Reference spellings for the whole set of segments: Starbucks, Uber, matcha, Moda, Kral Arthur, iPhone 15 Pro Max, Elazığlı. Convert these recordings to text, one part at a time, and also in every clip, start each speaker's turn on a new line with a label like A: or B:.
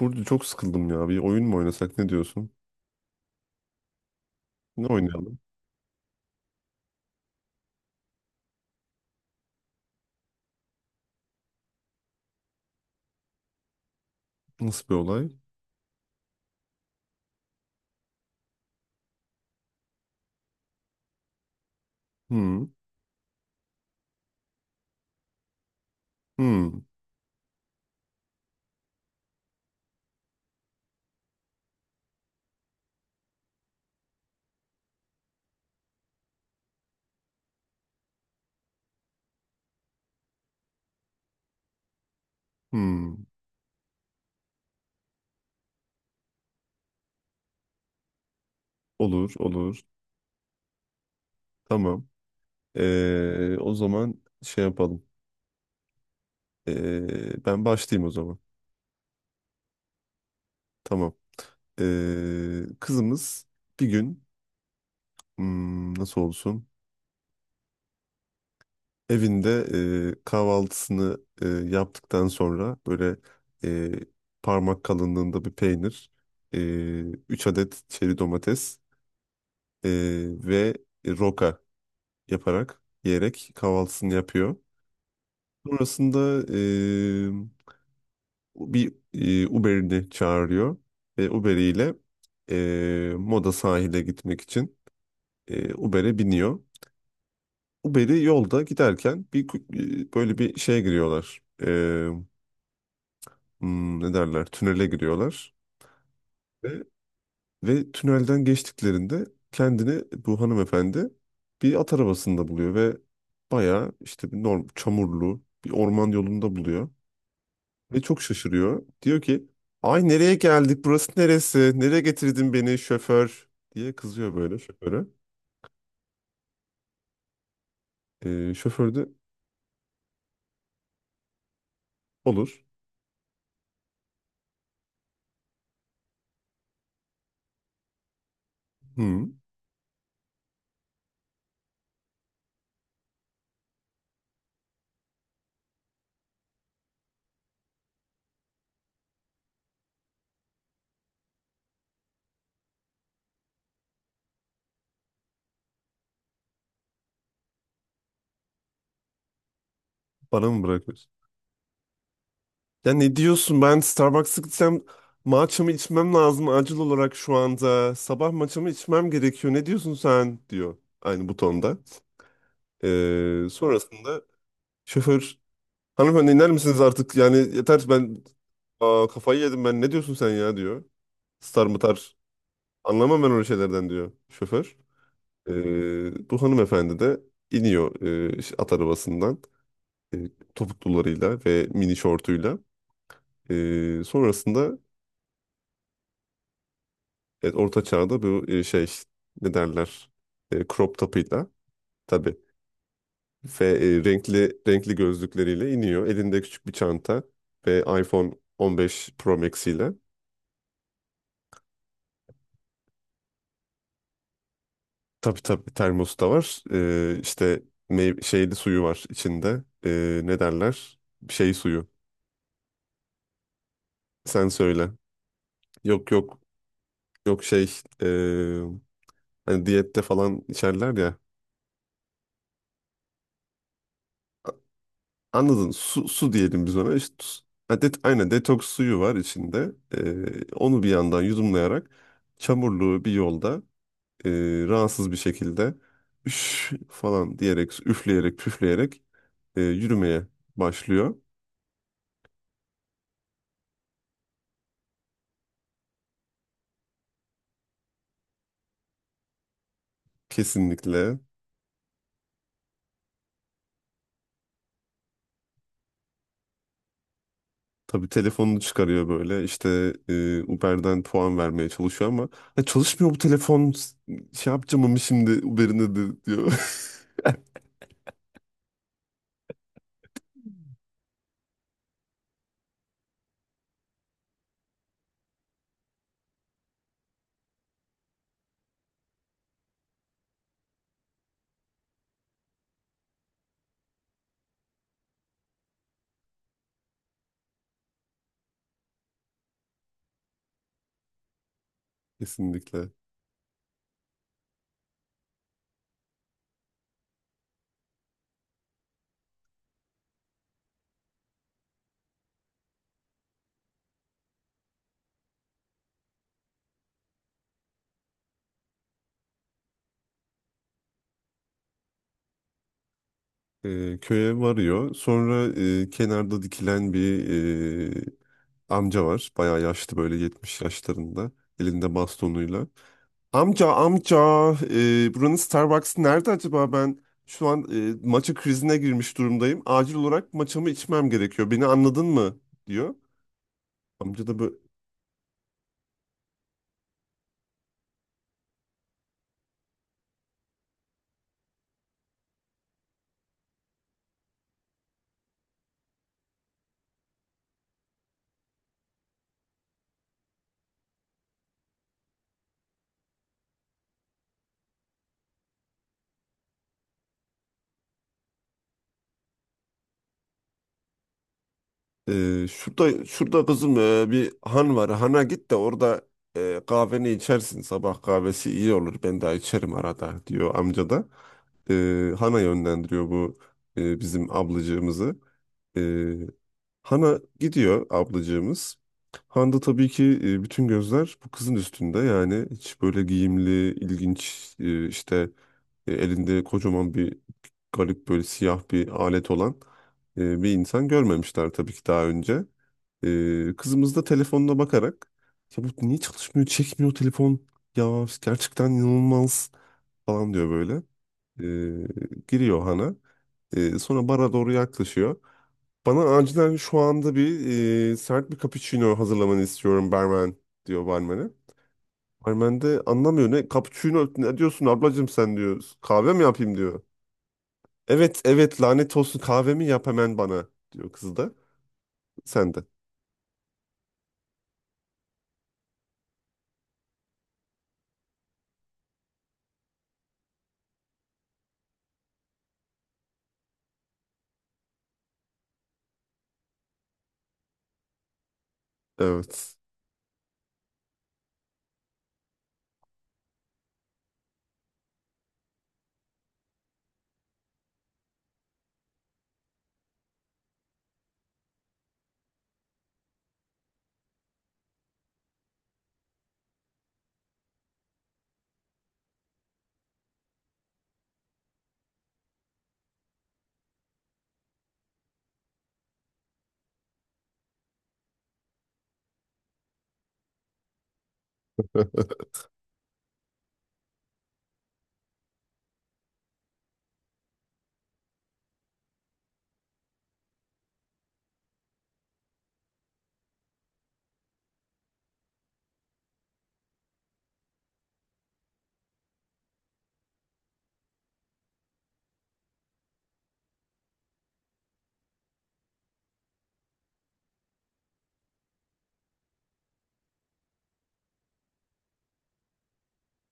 A: Burada çok sıkıldım ya. Bir oyun mu oynasak ne diyorsun? Ne oynayalım? Nasıl bir olay? Hmm, hmm, hmm. Olur, olur. Tamam. O zaman şey yapalım. Ben başlayayım o zaman. Tamam. Kızımız bir gün nasıl olsun? Evinde kahvaltısını yaptıktan sonra böyle e, parmak kalınlığında bir peynir, e, 3 adet çeri domates, Ee, ve roka yaparak yiyerek kahvaltısını yapıyor. Sonrasında bir Uber'ini çağırıyor ve Uber'iyle Moda sahile gitmek için Uber'e biniyor. Uber'i yolda giderken böyle bir şeye giriyorlar. Ne derler? Tünele giriyorlar. ve Ve tünelden geçtiklerinde kendini bu hanımefendi bir at arabasında buluyor ve bayağı işte çamurlu bir orman yolunda buluyor. Ve çok şaşırıyor. Diyor ki, "Ay, nereye geldik, burası neresi, nereye getirdin beni şoför?" diye kızıyor böyle şoföre. Şoför de. Olur. Hı, bana mı bırakıyorsun? "Ya ne diyorsun, ben Starbucks'a gitsem matchamı içmem lazım, acil olarak şu anda sabah matchamı içmem gerekiyor, ne diyorsun sen?" diyor aynı bu tonda. Sonrasında şoför, "Hanımefendi, iner misiniz artık, yani yeter ben, aa, kafayı yedim ben, ne diyorsun sen ya?" diyor. "Star mı tar, anlamam ben öyle şeylerden," diyor şoför. Bu hanımefendi de iniyor at arabasından, e, topuklularıyla ve mini şortuyla. Sonrasında, evet, orta çağda bu şey, ne derler, crop topuyla, tabii. Ve renkli renkli gözlükleriyle iniyor. Elinde küçük bir çanta ve iPhone 15 Pro Max ile. Tabii tabii, termos da var. İşte meyve, şeyli suyu var içinde. Ne derler? Şey suyu. Sen söyle. Yok, yok, yok, şey, ee, hani diyette falan içerler ya. Anladın. Su, su diyelim biz ona. İşte, aynen, detoks suyu var içinde. Onu bir yandan yudumlayarak çamurlu bir yolda e, rahatsız bir şekilde, üş falan diyerek, üfleyerek, püfleyerek, yürümeye başlıyor. Kesinlikle. Tabii telefonunu çıkarıyor böyle işte, Uber'den puan vermeye çalışıyor ama, "Ya çalışmıyor bu telefon, şey yapacağım ama şimdi Uber'ine de," diyor. Kesinlikle. Köye varıyor. Sonra kenarda dikilen bir e, amca var. Bayağı yaşlı böyle 70 yaşlarında. Elinde bastonuyla. "Amca, amca, buranın Starbucks'ı nerede acaba? Ben şu an matcha krizine girmiş durumdayım. Acil olarak matchamı içmem gerekiyor. Beni anladın mı?" diyor. Amca da böyle, "Şurada şurada kızım, bir han var. Hana git de orada kahveni içersin. Sabah kahvesi iyi olur. Ben daha içerim arada," diyor amca da. Hana yönlendiriyor bu bizim ablacığımızı. Ee, Hana gidiyor ablacığımız. Handa tabii ki bütün gözler bu kızın üstünde. Yani hiç böyle giyimli, ilginç, işte, elinde kocaman bir garip böyle siyah bir alet olan bir insan görmemişler tabii ki daha önce. Kızımız da telefonuna bakarak, "Ya bu niye çalışmıyor, çekmiyor telefon, ya gerçekten inanılmaz," falan diyor böyle. Giriyor Hana. Sonra bara doğru yaklaşıyor. "Bana acilen şu anda bir sert bir cappuccino hazırlamanı istiyorum barmen," diyor barmene. Barmen de anlamıyor, "Ne cappuccino, ne diyorsun ablacığım sen?" diyor. "Kahve mi yapayım?" diyor. "Evet evet, lanet olsun, kahvemi yap hemen bana," diyor kız da. Sen de. Evet.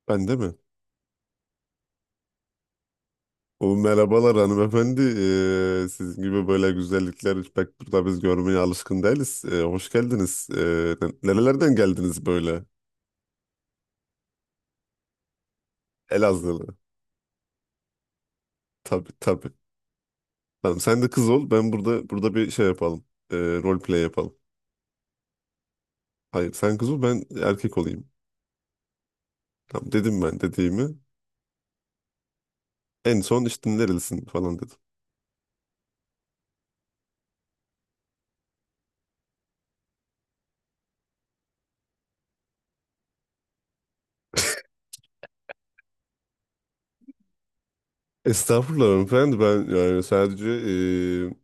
A: Ben de mi? "O, merhabalar hanımefendi. Sizin gibi böyle güzellikler pek burada biz görmeye alışkın değiliz. Hoş geldiniz. Nerelerden geldiniz böyle?" Elazığlı. Tabii tabii. Tamam, sen de kız ol. Ben burada burada bir şey yapalım. Rol play yapalım. Hayır, sen kız ol, ben erkek olayım. Tamam dedim, ben dediğimi. En son işte nerelisin falan dedim. "Estağfurullah hanımefendi, ben yani sadece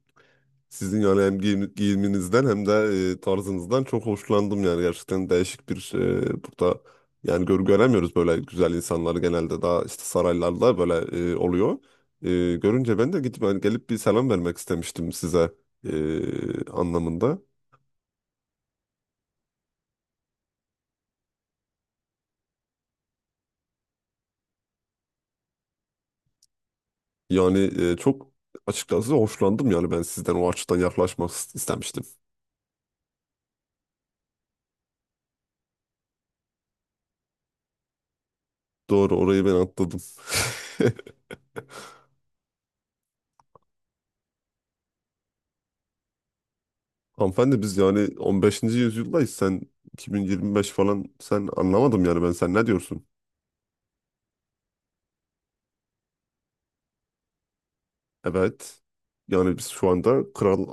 A: sizin yani hem giyiminizden hem de tarzınızdan çok hoşlandım, yani gerçekten değişik bir, burada yani göremiyoruz böyle güzel insanları, genelde daha işte saraylarda böyle oluyor. Ee, Görünce ben de gidip hani gelip bir selam vermek istemiştim size, anlamında. Yani çok açıkçası hoşlandım, yani ben sizden o açıdan yaklaşmak istemiştim." Doğru, orayı ben atladım. "Hanımefendi biz yani 15. yüzyıldayız, sen 2025 falan, sen anlamadım yani ben, sen ne diyorsun?" Evet, yani biz şu anda Kral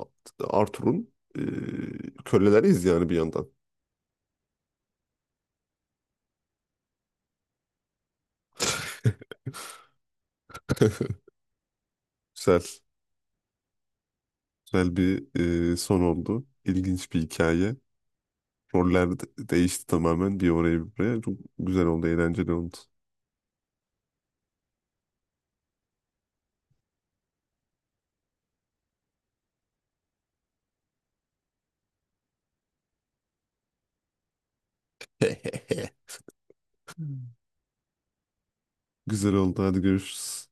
A: Arthur'un köleleriyiz, yani bir yandan. Güzel, güzel bir son oldu. İlginç bir hikaye. Roller değişti tamamen, bir oraya bir buraya. Çok güzel oldu, eğlenceli oldu. Güzel oldu. Hadi görüşürüz.